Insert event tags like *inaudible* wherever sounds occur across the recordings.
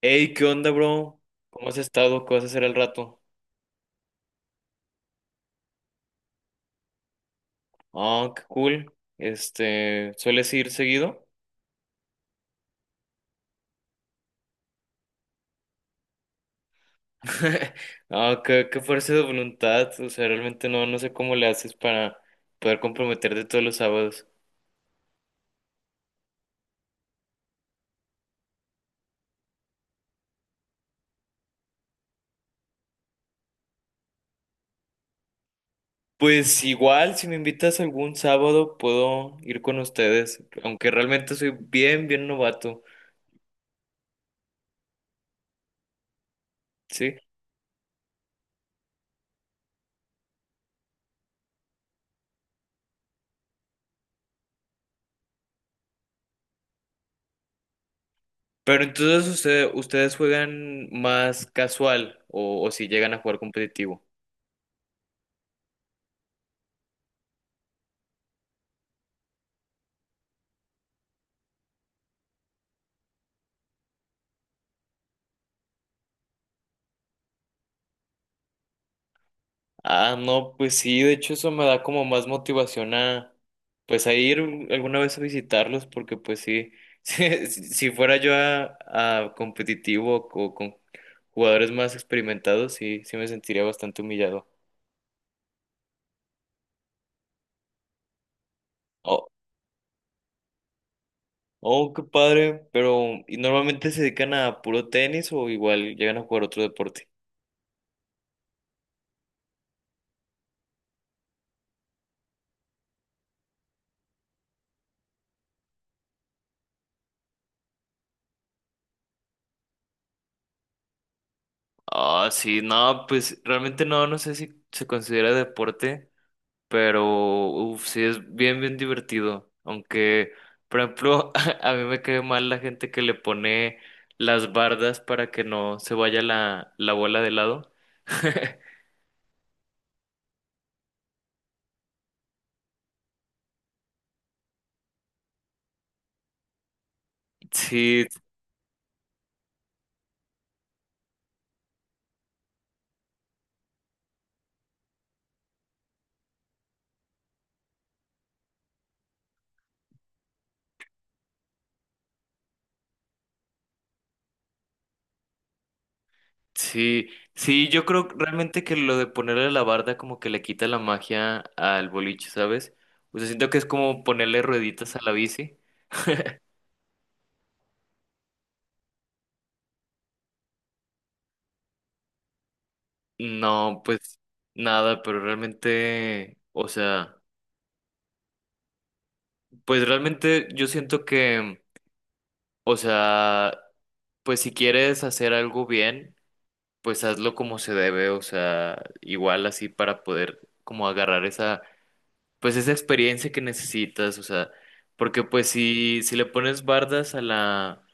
Hey, ¿qué onda, bro? ¿Cómo has estado? ¿Qué vas a hacer al rato? Ah, qué cool. Este, ¿sueles ir seguido? *laughs* Ah, qué fuerza de voluntad. O sea, realmente no, no sé cómo le haces para poder comprometerte todos los sábados. Pues igual, si me invitas algún sábado, puedo ir con ustedes, aunque realmente soy bien, bien novato, ¿sí? Pero entonces ustedes juegan más casual o si llegan a jugar competitivo. Ah, no, pues sí, de hecho eso me da como más motivación a, pues a ir alguna vez a visitarlos, porque pues sí, *laughs* si fuera yo a competitivo o con jugadores más experimentados, sí, sí me sentiría bastante humillado. Oh, oh, qué padre, pero ¿y normalmente se dedican a puro tenis o igual llegan a jugar otro deporte? Ah, sí, no, pues realmente no, no sé si se considera deporte. Pero, uff, sí es bien, bien divertido. Aunque, por ejemplo, *laughs* a mí me cae mal la gente que le pone las bardas para que no se vaya la bola de lado. *laughs* Sí, sí, sí, yo creo realmente que lo de ponerle la barda como que le quita la magia al boliche, ¿sabes? O sea, siento que es como ponerle rueditas a la bici. No, pues nada, pero realmente, o sea, pues realmente yo siento que, o sea, pues si quieres hacer algo bien, pues hazlo como se debe, o sea, igual así para poder como agarrar esa, pues esa experiencia que necesitas, o sea, porque pues si le pones bardas a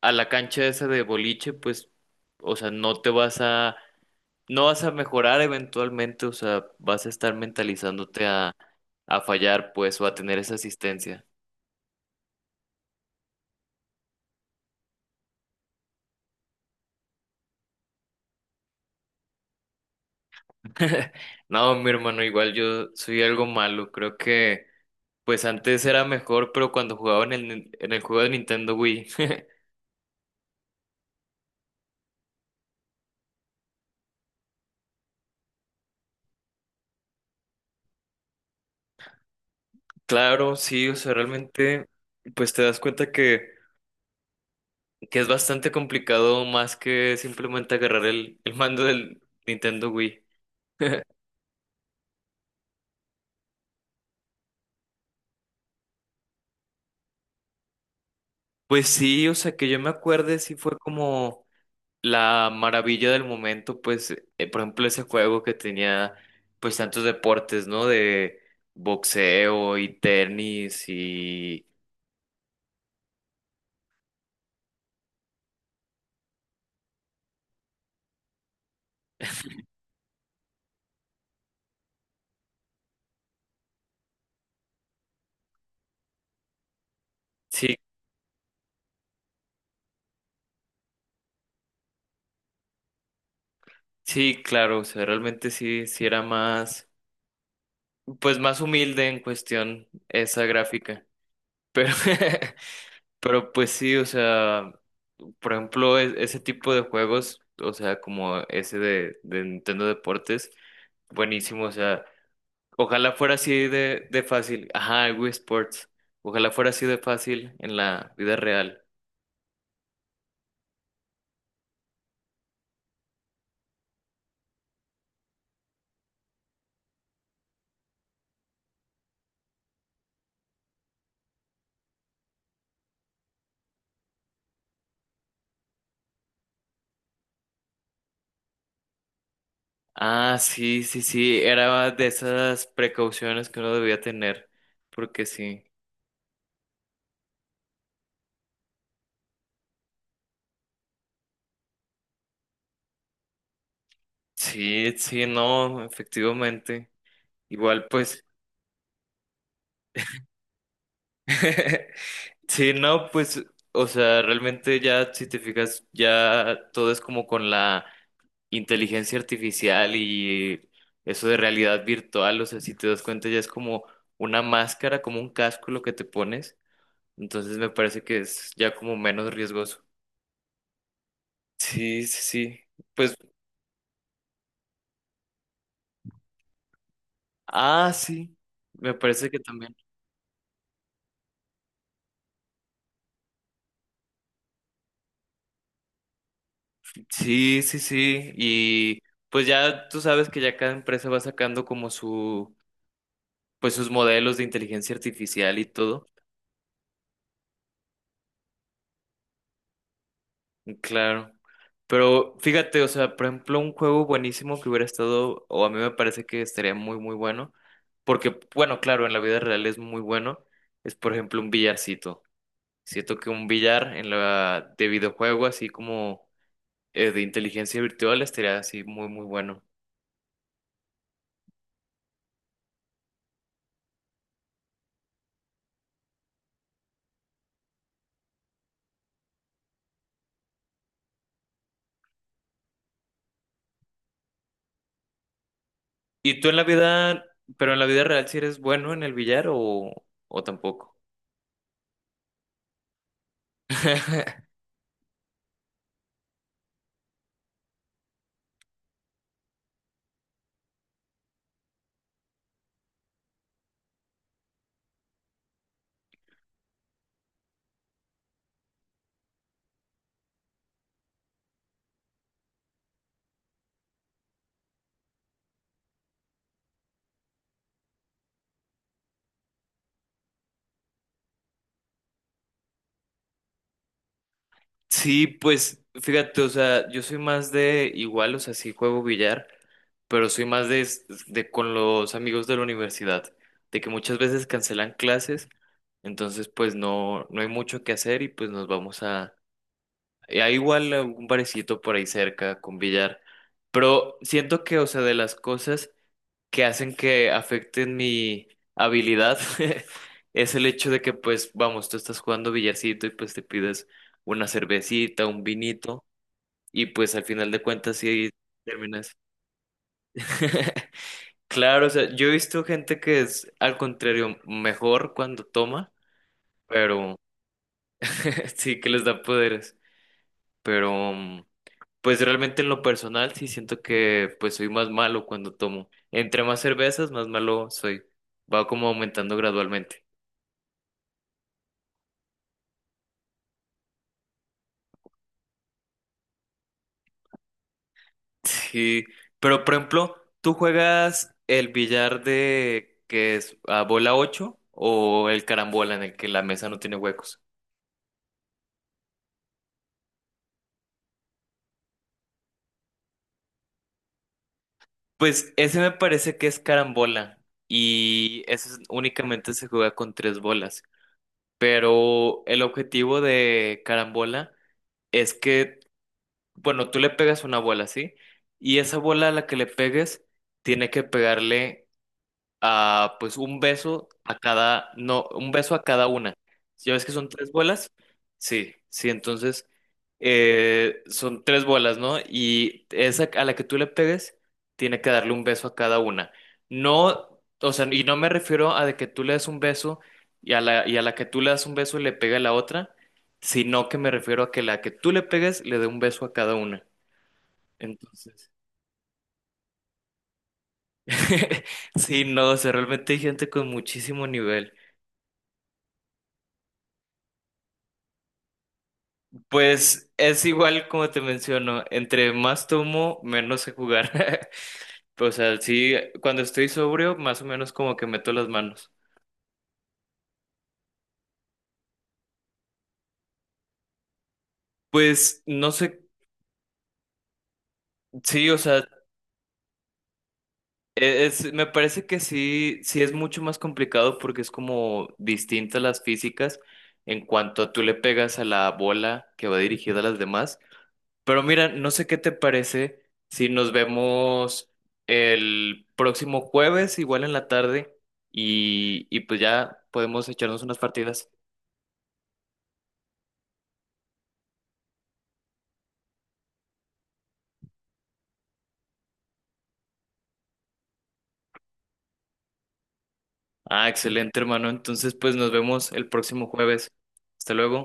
a la cancha esa de boliche, pues, o sea, no vas a mejorar eventualmente, o sea, vas a estar mentalizándote a fallar, pues, o a tener esa asistencia. *laughs* No, mi hermano, igual yo soy algo malo, creo que... Pues antes era mejor, pero cuando jugaba en en el juego de Nintendo Wii. *laughs* Claro, sí, o sea, realmente, pues te das cuenta que es bastante complicado más que simplemente agarrar el mando del Nintendo Wii. *laughs* Pues sí, o sea, que yo me acuerde, sí fue como la maravilla del momento, pues, por ejemplo, ese juego que tenía, pues, tantos deportes, ¿no? De boxeo y tenis y... Sí, sí, claro, o sea, realmente sí, sí era más, pues más humilde en cuestión esa gráfica. Pero, *laughs* pero pues sí, o sea, por ejemplo, ese tipo de juegos, o sea, como ese de Nintendo Deportes, buenísimo, o sea, ojalá fuera así de fácil. Ajá, el Wii Sports, ojalá fuera así de fácil en la vida real. Ah, sí, sí, sí, era de esas precauciones que uno debía tener, porque sí. Sí, sí, no, efectivamente. Igual, pues, *laughs* sí, no, pues, o sea, realmente ya, si te fijas, ya todo es como con la inteligencia artificial y eso de realidad virtual, o sea, si te das cuenta, ya es como una máscara, como un casco lo que te pones. Entonces me parece que es ya como menos riesgoso. Sí, sí, sí. Pues, ah, sí, me parece que también. Sí, sí, sí. Y pues ya tú sabes que ya cada empresa va sacando como su, pues sus modelos de inteligencia artificial y todo. Claro. Pero fíjate, o sea, por ejemplo, un juego buenísimo que hubiera estado, o a mí me parece que estaría muy, muy bueno, porque, bueno, claro, en la vida real es muy bueno, es por ejemplo un billarcito. Siento que un billar en la de videojuego, así como de inteligencia virtual, estaría así muy, muy bueno. ¿Y tú en la vida, pero en la vida real, ¿si eres bueno en el billar o tampoco? *laughs* Sí, pues fíjate, o sea, yo soy más de igual, o sea, sí juego billar, pero soy más de con los amigos de la universidad, de que muchas veces cancelan clases, entonces pues no, no hay mucho que hacer y pues nos vamos a... y hay igual algún barecito por ahí cerca con billar, pero siento que, o sea, de las cosas... que hacen que afecten mi habilidad *laughs* es el hecho de que, pues, vamos, tú estás jugando billarcito y pues te pides una cervecita, un vinito y pues al final de cuentas sí terminas. *laughs* Claro, o sea, yo he visto gente que es al contrario mejor cuando toma, pero *laughs* sí que les da poderes, pero pues realmente en lo personal sí siento que pues soy más malo cuando tomo. Entre más cervezas, más malo soy. Va como aumentando gradualmente. Sí, pero por ejemplo, ¿tú juegas el billar de que es a bola 8 o el carambola en el que la mesa no tiene huecos? Pues ese me parece que es carambola y únicamente se juega con tres bolas. Pero el objetivo de carambola es que, bueno, tú le pegas una bola, ¿sí? Y esa bola a la que le pegues tiene que pegarle a, pues un beso a cada, no, un beso a cada una. Si ves que son tres bolas, sí, sí, entonces son tres bolas, ¿no? Y esa a la que tú le pegues, tiene que darle un beso a cada una. No, o sea, y no me refiero a de que tú le des un beso y a y a la que tú le das un beso le pega a la otra, sino que me refiero a que la que tú le pegues le dé un beso a cada una. Entonces, *laughs* sí, no, o sea, realmente hay gente con muchísimo nivel. Pues es igual como te menciono, entre más tomo, menos sé jugar. *laughs* O sea, sí, cuando estoy sobrio, más o menos como que meto las manos. Pues no sé, sí, o sea, es, me parece que sí, sí es mucho más complicado porque es como distintas las físicas en cuanto a tú le pegas a la bola que va dirigida a las demás. Pero mira, no sé qué te parece si nos vemos el próximo jueves, igual en la tarde, y pues ya podemos echarnos unas partidas. Ah, excelente, hermano. Entonces, pues nos vemos el próximo jueves. Hasta luego.